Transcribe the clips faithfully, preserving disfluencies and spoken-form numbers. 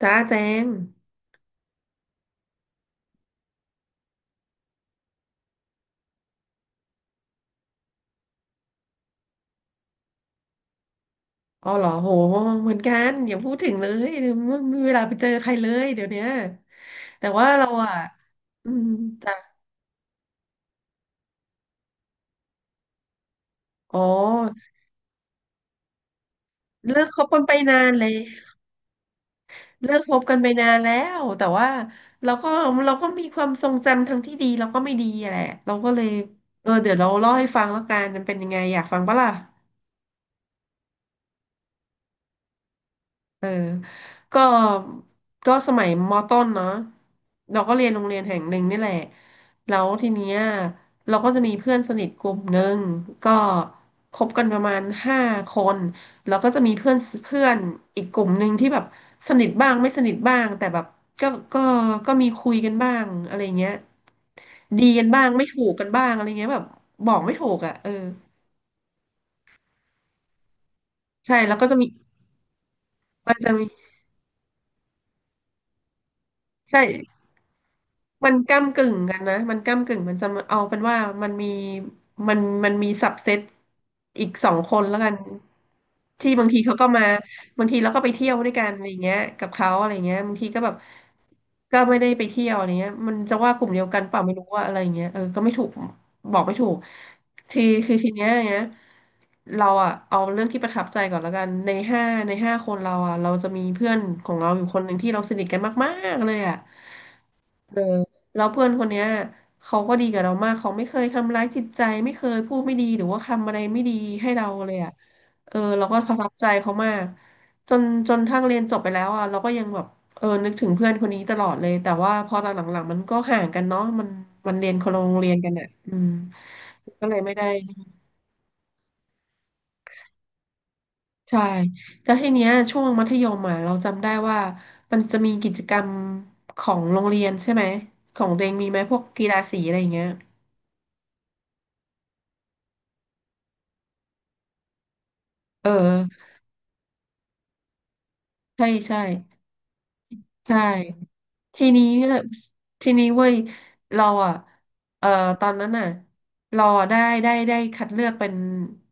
จ้าแจงอ๋อเหรอโหเหมือนกันอย่าพูดถึงเลยเดี๋ยวไม่มมีเวลาไปเจอใครเลยเดี๋ยวเนี้ยแต่ว่าเราอ่ะอืมจ้ะอ๋อเลิกคบกันไปนานเลยเลิกคบกันไปนานแล้วแต่ว่าเราก็เราก็มีความทรงจำทั้งที่ดีแล้วก็ไม่ดีอะแหละเราก็เลยเออเดี๋ยวเราเล่าให้ฟังแล้วกันมันเป็นยังไงอยากฟังปะล่ะ เออก็ก็สมัยมต้นเนาะเราก็เรียนโรงเรียนแห่งหนึ่งนี่แหละ แล้วทีเนี้ยเราก็จะมีเพื่อนสนิทกลุ่มหนึ่งก็คบกันประมาณห้าคน แล้วก็จะมีเพื่อนเพื่อนอีกกลุ่มหนึ่งที่แบบ สนิทบ้างไม่สนิทบ้างแต่แบบ ก็ก็ก็มีคุยกันบ้างอะไรเงี้ยดีกันบ้างไม่ถูกกันบ้างอะไรเงี้ยแบบบอกไม่ถูกอ่ะเออใช่แล้วก็จะมีมันจะมีใช่ มันก้ำกึ่งกันนะมันก้ำกึ่งมันจะเอาเป็นว่ามันมีมันมันมีสับเซตอีกสองคนแล้วกันที่บางทีเขาก็มาบางทีเราก็ไปเที่ยวด้วยกันอะไรเงี้ยกับเขาอะไรเงี้ยบางทีก็แบบก็ไม่ได้ไปเที่ยวอะไรเงี้ยมันจะว่ากลุ่มเดียวกันเปล่าไม่รู้ว่าอะไรเงี้ยเออก็ไม่ถูกบอกไม่ถูกทีคือทีเนี้ยเนี้ยเราอะเอาเรื่องที่ประทับใจก่อนแล้วกันในห้าในห้าคนเราอะเราจะมีเพื่อนของเราอยู่คนหนึ่งที่เราสนิทกันมากๆเลยอะ เออแล้วเพื่อนคนเนี้ยเขาก็ดีกับเรามากเขาไม่เคยทำร้ายจิตใจไม่เคยพูดไม่ดีหรือว่าทำอะไรไม่ดีให้เราเลยอ่ะเออเราก็ประทับใจเขามากจนจนทั้งเรียนจบไปแล้วอ่ะเราก็ยังแบบเออนึกถึงเพื่อนคนนี้ตลอดเลยแต่ว่าพอตอนหลังๆมันก็ห่างกันเนาะมันมันเรียนคนละโรงเรียนกันอ่ะอืมก็เลยไม่ได้ใช่แล้วทีเนี้ยช่วงมัธยมอ่ะเราจำได้ว่ามันจะมีกิจกรรมของโรงเรียนใช่ไหมของตัวเองมีไหมพวกกีฬาสีอะไรอย่างเงี้ย เออใช่ใช่ใช่ทีนี้เนี่ยทีนี้เว้ยเราอ่ะเออตอนนั้นอ่ะเราอะได้ได้ได้คัดเลือกเป็น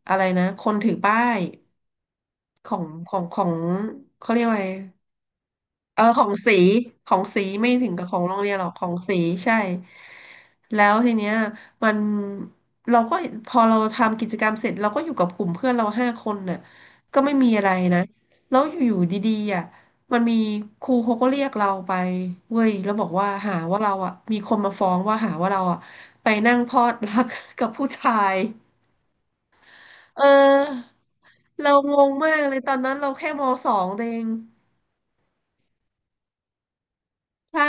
อะไรนะคนถือป้ายของของของเขาเรียกว่าไง เออของสีของสีไม่ถึงกับของโรงเรียนหรอกของสีใช่แล้วทีเนี้ยมันเราก็พอเราทำกิจกรรมเสร็จเราก็อยู่กับกลุ่มเพื่อนเราห้าคนน่ะก็ไม่มีอะไรนะแล้วอยู่ๆดีๆอ่ะมันมีครูเขาก็เรียกเราไปเว้ยแล้วบอกว่าหาว่าเราอ่ะมีคนมาฟ้องว่าหาว่าเราอ่ะไปนั่งพลอด รักกับผู้ชายเออเรางงมากเลยตอนนั้นเราแค่มสองเองใช่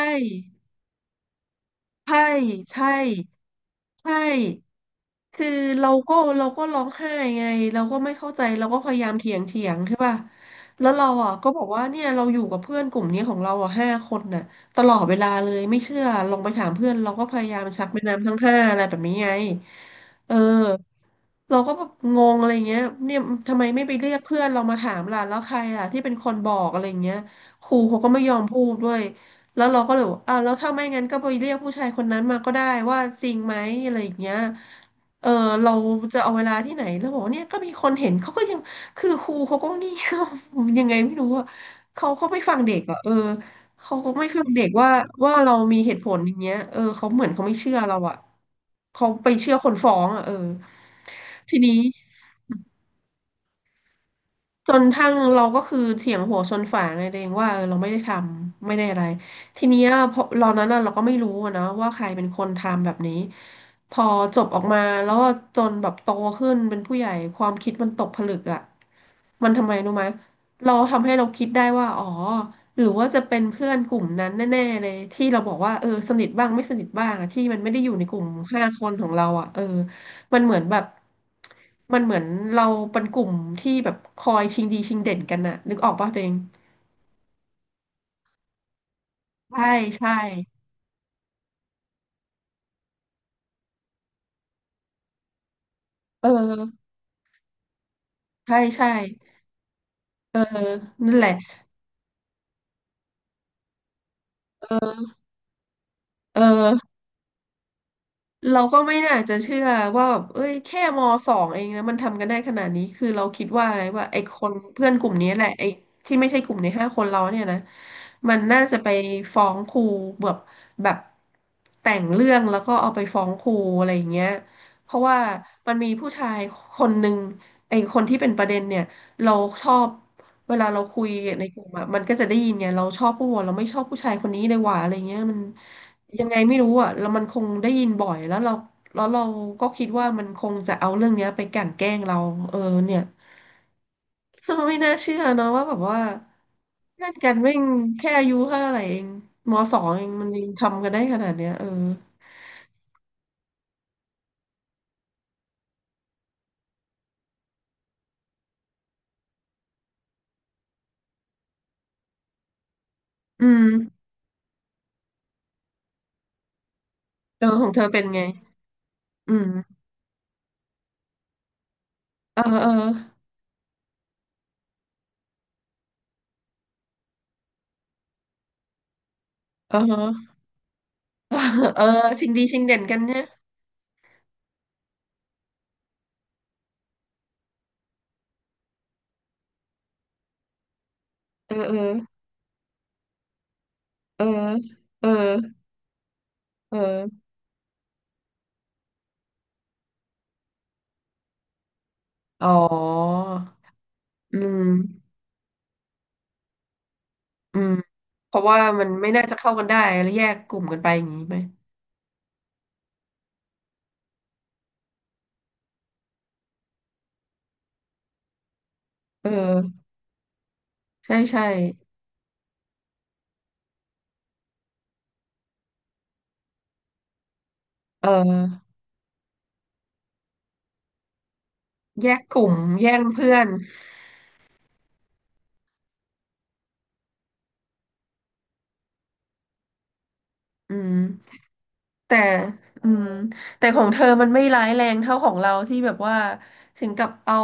ใช่ใช่ ใช่ คือเราก็เราก็ร้องไห้ไงเราก็ไม่เข้าใจเราก็พยายามเถียงเถียงใช่ป่ะแล้วเราอ่ะก็บอกว่าเนี่ยเราอยู่กับเพื่อนกลุ่มนี้ของเราอ่ะห้าคนน่ะตลอดเวลาเลยไม่เชื่อลองไปถามเพื่อนเราก็พยายามชักแม่น้ำทั้งห้าอะไรแบบนี้ไงเออ เราก็แบบงงอะไรเงี้ยเนี่ยทำไมไม่ไปเรียกเพื่อนเรามาถามล่ะแล้วใครล่ะที่เป็นคนบอกอะไรเงี้ยครูเขาก็ไม่ยอมพูดด้วยแล้วเราก็เลยบอกอ่ะแล้วถ้าไม่งั้นก็ไปเรียกผู้ชายคนนั้นมาก็ได้ว่าจริงไหมอะไรอย่างเงี้ยเออเราจะเอาเวลาที่ไหนแล้วบอกว่าเนี่ยก็มีคนเห็นเขาก็ยังคือครูเขาก็เงี่ยัง ไงไม่รู้อ่ะเขาเขาไม่ฟังเด็กอ่ะเออ เขาก็ไม่ฟังเด็กว่าว่าเรามีเหตุผลอย่างเงี้ย เออเขาเหมือนเขาไม่เชื่อเราอะเขาไปเชื่อคนฟ้องอะเออทีนี้ จนทั้งเราก็คือเถียงหัวชนฝาไงตัวเองว่าเออเราไม่ได้ทำไม่ได้อะไรทีเนี้ยพอเรานั้นน่ะเราก็ไม่รู้อะนะว่าใครเป็นคนทำแบบนี้พอจบออกมาแล้วก็จนแบบโตขึ้นเป็นผู้ใหญ่ความคิดมันตกผลึกอ่ะมันทำไมรู้ไหมเราทำให้เราคิดได้ว่าอ๋อหรือว่าจะเป็นเพื่อนกลุ่มนั้นแน่ๆเลยที่เราบอกว่าเออสนิทบ้างไม่สนิทบ้างอะที่มันไม่ได้อยู่ในกลุ่มห้าคนของเราอ่ะเออ มันเหมือนแบบมันเหมือนเราเป็นกลุ่มที่แบบคอยชิงดีชิงเด่นกันน่ะนึกออกป่ะตัวเองใช่ใช่เออใช่ใช่เออนั่นแหละเออ เราก็ไม่น่าจะเชื่อว่าแบบเอ้ยแค่มสองเองนะมันทำกันได้ขนาดนี้คือเราคิดว่าไงว่าไอ้คนเพื่อนกลุ่มนี้แหละไอ้ที่ไม่ใช่กลุ่มในห้าคนเราเนี่ยนะมันน่าจะไปฟ้องครูแบบแบบแต่งเรื่องแล้วก็เอาไปฟ้องครูอะไรอย่างเงี้ยเพราะว่ามันมีผู้ชายคนหนึ่งไอ้คนที่เป็นประเด็นเนี่ย เราชอบเวลาเราคุยในกลุ่มอะมันก็จะได้ยินไงเราชอบผู้วะเราไม่ชอบผู้ชายคนนี้เลยว่ะอะไรเงี้ยมันยังไงไม่รู้อะแล้วมันคงได้ยินบ่อยแล้วเราแล้วเราก็คิดว่ามันคงจะเอาเรื่องเนี้ยไปกลั่นแกล้งเราเออเนี่ยเราไม่น่าเชื่อเนอะว่าแบบว่าเล่นกันแม่งแค่อายุเท่าไหร่เองมสองเองมันยังทำกันได้ขนาดเนี้ยเอออืมเออของเธอเป็นไงอืมเออเออเออเออ เออชิงดีชิงเด่นกันเนี่ยเออเออ เออเออเอออ๋ออืมอืมเพราะว่ามันไม่น่าจะเข้ากันได้แล้วแยกกลุ่มกันไปอย่างนี้ไหมเออใช่ใช่เออแยกกลุ่มแยกเพื่อนอืมแต่อืมแต่ของเธอมันไม่ร้ายแรงเท่าของเราที่แบบว่าถึงกับเอา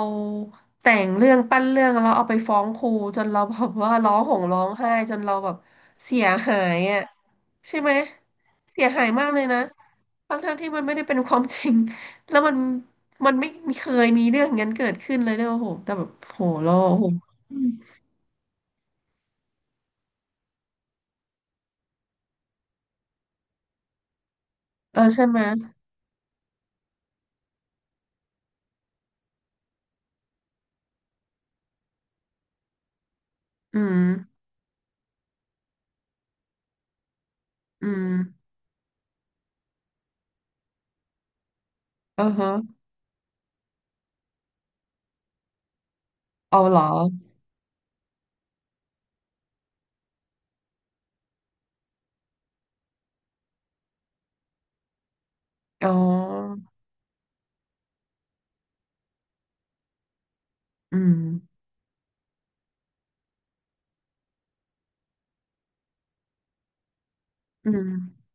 แต่งเรื่องปั้นเรื่องแล้วเอาไปฟ้องครูจนเราแบบว่าร้องห่มร้องไห้จนเราแบบเสียหายอ่ะ ใช่ไหมเสียหายมากเลยนะทั้งทั้งที่มันไม่ได้เป็นความจริง แล้วมันมันไม่มีเคยมีเรื่องอย่างนั้นเกิดขึ้นเลยด้วยโอ้โหแต่แบบโหเราโอ้โหอืมเออใช่ไหมอืมอืมอือฮะเอาเหรออ๋ออืมอืม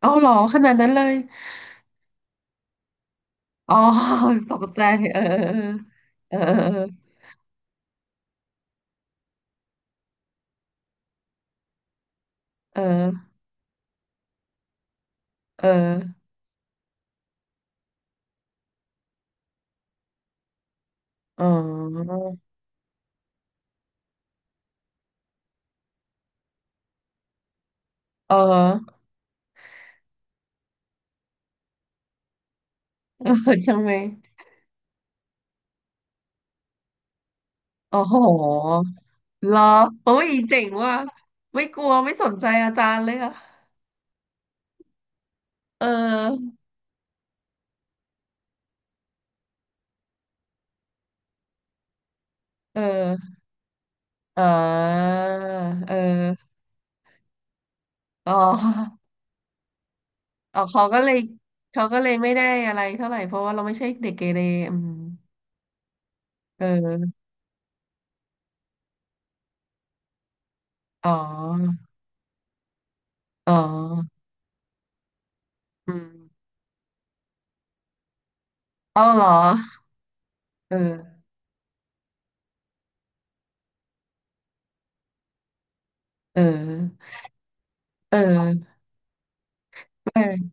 เอาเหรอขนาดนั้นเลยอ๋อ ตกใจเออเออเออเออเออเออเออเออเออ เออใช่ไหมโอ้โห เหรอโอ้ยเจ๋งว่ะไม่กลัวไม่สนใจอาจารย์เลยอะเออเออเอ่าเอออ๋ออ๋อเขาก็เลยเขาก็เลยไม่ได้อะไรเท่าไหร่เพราะว่าเราไม่ใช่เด็กเกเรอืมเอออ๋ออ๋ออืมเอ้าเหรอเออเออเออ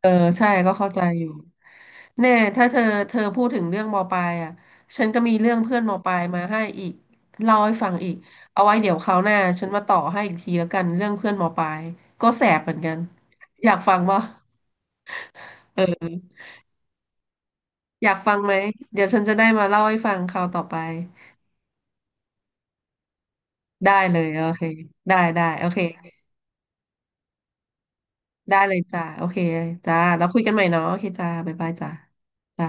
เออใช่ก็เข้าใจอยู่แน่ถ้าเธอเธอพูดถึงเรื่องมปลายอ่ะฉันก็มีเรื่องเพื่อนมปลายมาให้อีกเล่าให้ฟังอีกเอาไว้เดี๋ยวคราวหน้าฉันมาต่อให้อีกทีแล้วกันเรื่องเพื่อนมปลายก็แสบเหมือนกันอยากฟังป่ะเอออยากฟังไหมเดี๋ยวฉันจะได้มาเล่าให้ฟังคราวต่อไปได้เลยโอเคได้ได้โอเคได้เลยจ้าโอเคจ้าแล้วคุยกันใหม่เนาะโอเคจ้าบ๊ายบายจ้าจ้า